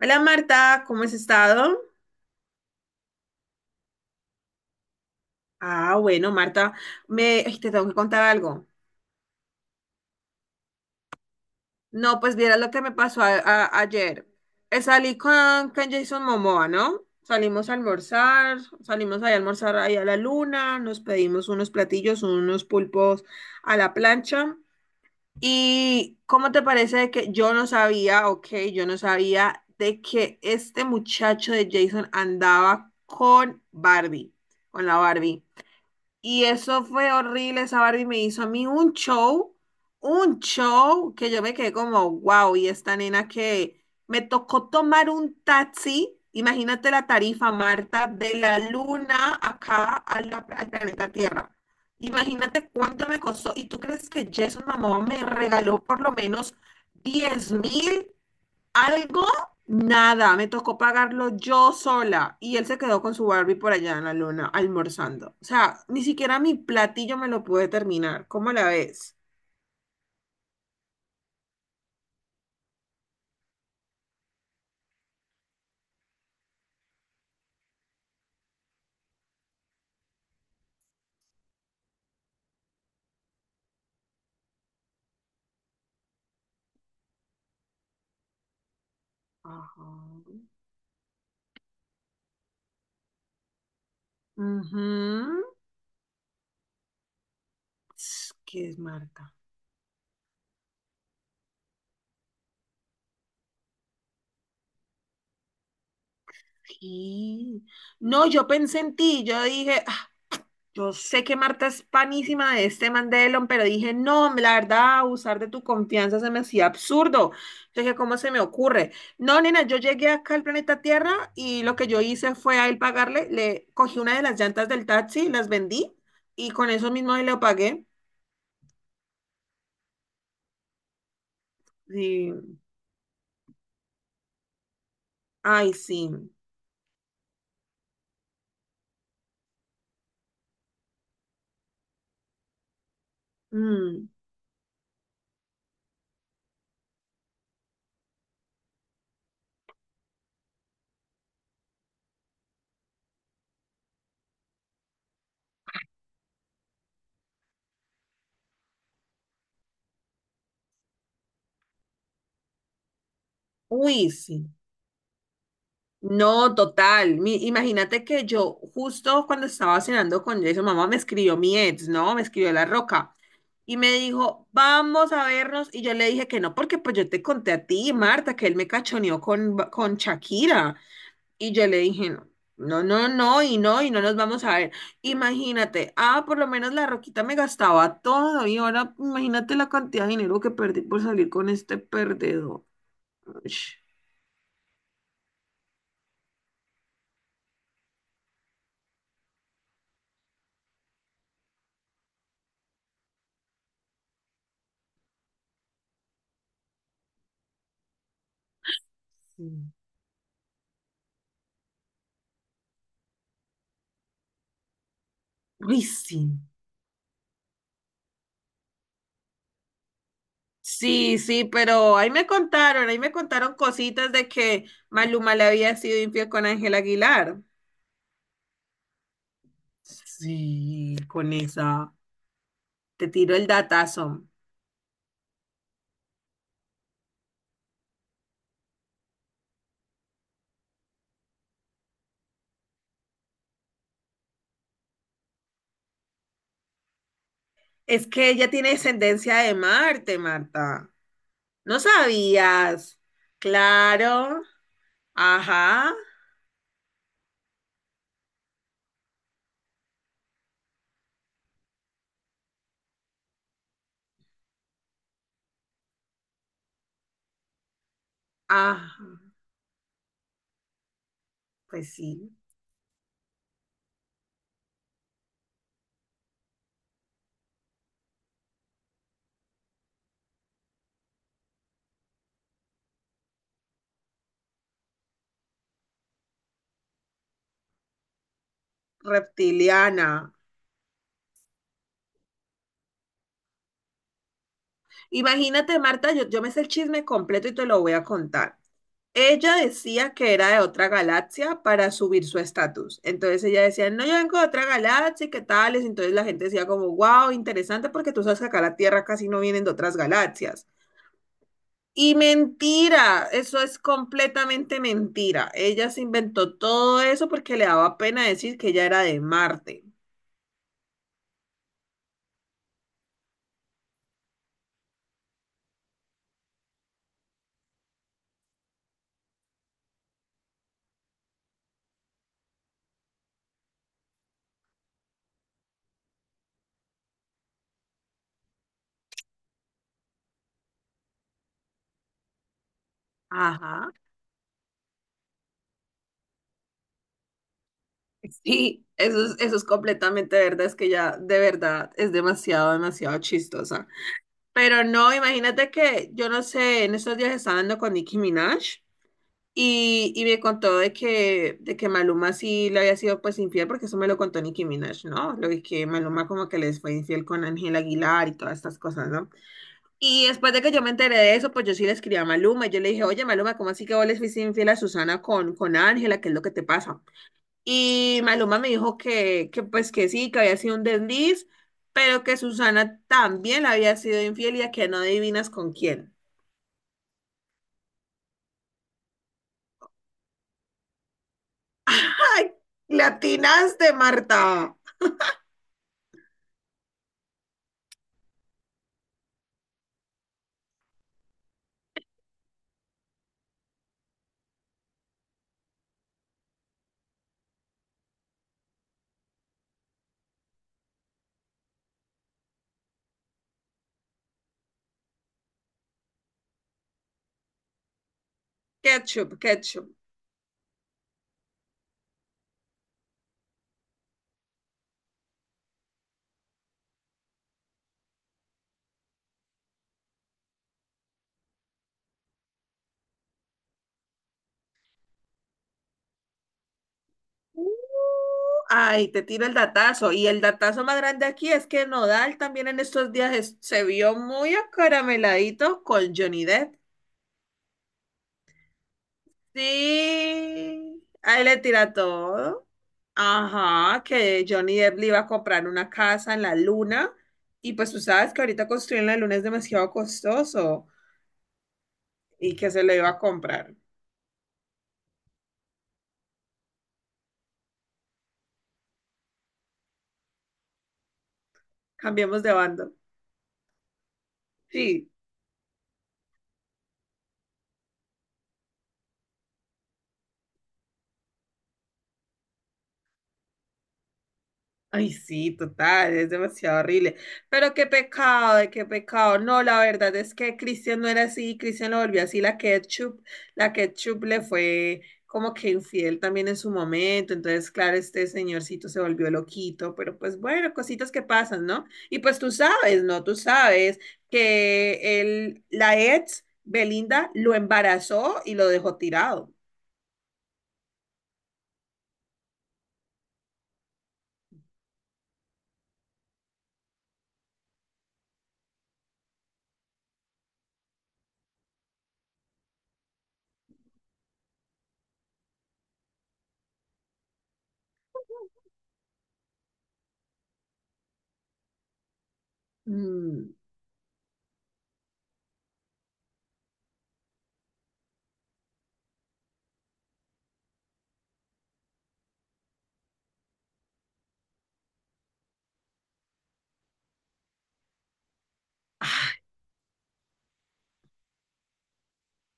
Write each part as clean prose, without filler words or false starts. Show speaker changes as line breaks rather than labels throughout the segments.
Hola Marta, ¿cómo has estado? Ah, bueno, Marta, te tengo que contar algo. No, pues vieras lo que me pasó ayer. Salí con Jason Momoa, ¿no? Salimos a almorzar, salimos ahí a almorzar ahí a la luna, nos pedimos unos platillos, unos pulpos a la plancha. ¿Y cómo te parece que yo no sabía, ok, yo no sabía de que este muchacho de Jason andaba con Barbie, con la Barbie? Y eso fue horrible, esa Barbie me hizo a mí un show que yo me quedé como, wow, y esta nena que me tocó tomar un taxi, imagínate la tarifa, Marta, de la luna acá a al planeta Tierra. Imagínate cuánto me costó. ¿Y tú crees que Jason Momoa me regaló por lo menos 10.000? Algo, nada, me tocó pagarlo yo sola y él se quedó con su Barbie por allá en la luna almorzando. O sea, ni siquiera mi platillo me lo pude terminar. ¿Cómo la ves? Ajá. Ujú. Ts, ¿qué es Marta? Sí. No, yo pensé en ti, yo dije, yo sé que Marta es panísima de este Mandelon, pero dije, no, la verdad, abusar de tu confianza se me hacía absurdo. Yo dije, ¿cómo se me ocurre? No, nena, yo llegué acá al planeta Tierra y lo que yo hice fue a él pagarle, le cogí una de las llantas del taxi, las vendí y con eso mismo le pagué. Sí. Ay, sí. Mm. Uy, sí. No, total. Imagínate que yo justo cuando estaba cenando con Jason, mamá me escribió mi ex, ¿no? Me escribió La Roca. Y me dijo, vamos a vernos. Y yo le dije que no, porque pues yo te conté a ti, Marta, que él me cachoneó con Shakira. Y yo le dije, no, no, no, no, y no, y no nos vamos a ver. Imagínate, ah, por lo menos la Roquita me gastaba todo. Y ahora imagínate la cantidad de dinero que perdí por salir con este perdedor. Ush. Sí. Uy, sí. Sí, sí, pero ahí me contaron cositas de que Maluma le había sido infiel con Ángel Aguilar. Sí, con esa. Te tiro el datazo. Es que ella tiene descendencia de Marte, Marta. ¿No sabías? Claro. Ajá. Ajá. Pues sí. Reptiliana. Imagínate, Marta, yo me sé el chisme completo y te lo voy a contar. Ella decía que era de otra galaxia para subir su estatus. Entonces ella decía, no, yo vengo de otra galaxia, ¿y qué tales? Entonces la gente decía como, wow, interesante porque tú sabes que acá a la Tierra casi no vienen de otras galaxias. Y mentira, eso es completamente mentira. Ella se inventó todo eso porque le daba pena decir que ella era de Marte. Ajá. Sí, eso es completamente verdad, es que ella de verdad es demasiado, demasiado chistosa. Pero no, imagínate que yo no sé, en estos días estaba hablando con Nicki Minaj y me contó de que Maluma sí le había sido pues infiel, porque eso me lo contó Nicki Minaj, ¿no? Lo de que Maluma como que les fue infiel con Ángel Aguilar y todas estas cosas, ¿no? Y después de que yo me enteré de eso, pues yo sí le escribí a Maluma y yo le dije, oye Maluma, ¿cómo así que vos le fuiste infiel a Susana con Ángela? ¿Qué es lo que te pasa? Y Maluma me dijo que pues que sí, que había sido un desliz, pero que Susana también había sido infiel y a que no adivinas con quién. ¡Ay! ¡Latinaste, Marta! Ketchup, ketchup. Uh, Ay, te tiro el datazo. Y el datazo más grande aquí es que Nodal también en estos días se vio muy acarameladito con Johnny Depp. Sí, ahí le tira todo. Ajá, que Johnny Depp le iba a comprar una casa en la luna y pues tú sabes que ahorita construir en la luna es demasiado costoso y que se le iba a comprar. Cambiemos de bando. Sí. Ay, sí, total, es demasiado horrible. Pero qué pecado, ay, qué pecado. No, la verdad es que Cristian no era así, Cristian lo volvió así, la ketchup le fue como que infiel también en su momento. Entonces, claro, este señorcito se volvió loquito, pero pues bueno, cositas que pasan, ¿no? Y pues tú sabes, ¿no? Tú sabes que él, la ex, Belinda, lo embarazó y lo dejó tirado. Mm.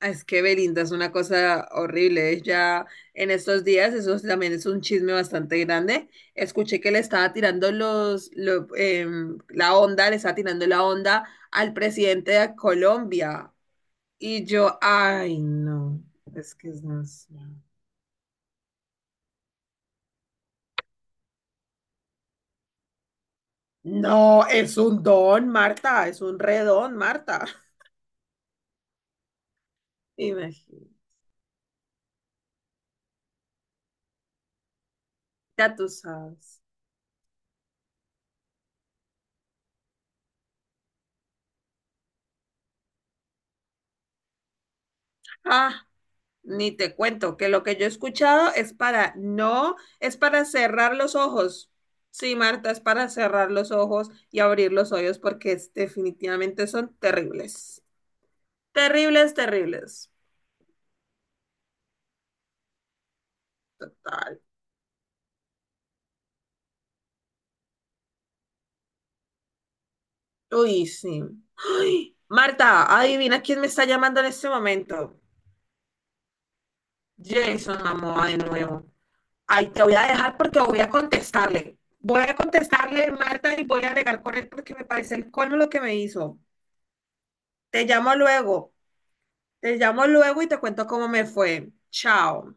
Ah, es que Belinda es una cosa horrible. Ella en estos días, eso también es un chisme bastante grande. Escuché que le estaba tirando la onda, le estaba tirando la onda al presidente de Colombia. Y yo, ay, no, es que es no sé. No, es un don, Marta, es un redón, Marta. Imagínate, ya tú sabes. Ah. Ni te cuento que lo que yo he escuchado es para no, es para cerrar los ojos. Sí, Marta, es para cerrar los ojos y abrir los oídos porque definitivamente son terribles. Terribles, terribles. Total. Uy, sí. Ay, Marta, adivina quién me está llamando en este momento. Jason Momoa de nuevo. Ay, te voy a dejar porque voy a contestarle. Voy a contestarle, Marta, y voy a regar con él porque me parece el colmo lo que me hizo. Te llamo luego. Te llamo luego y te cuento cómo me fue. Chao.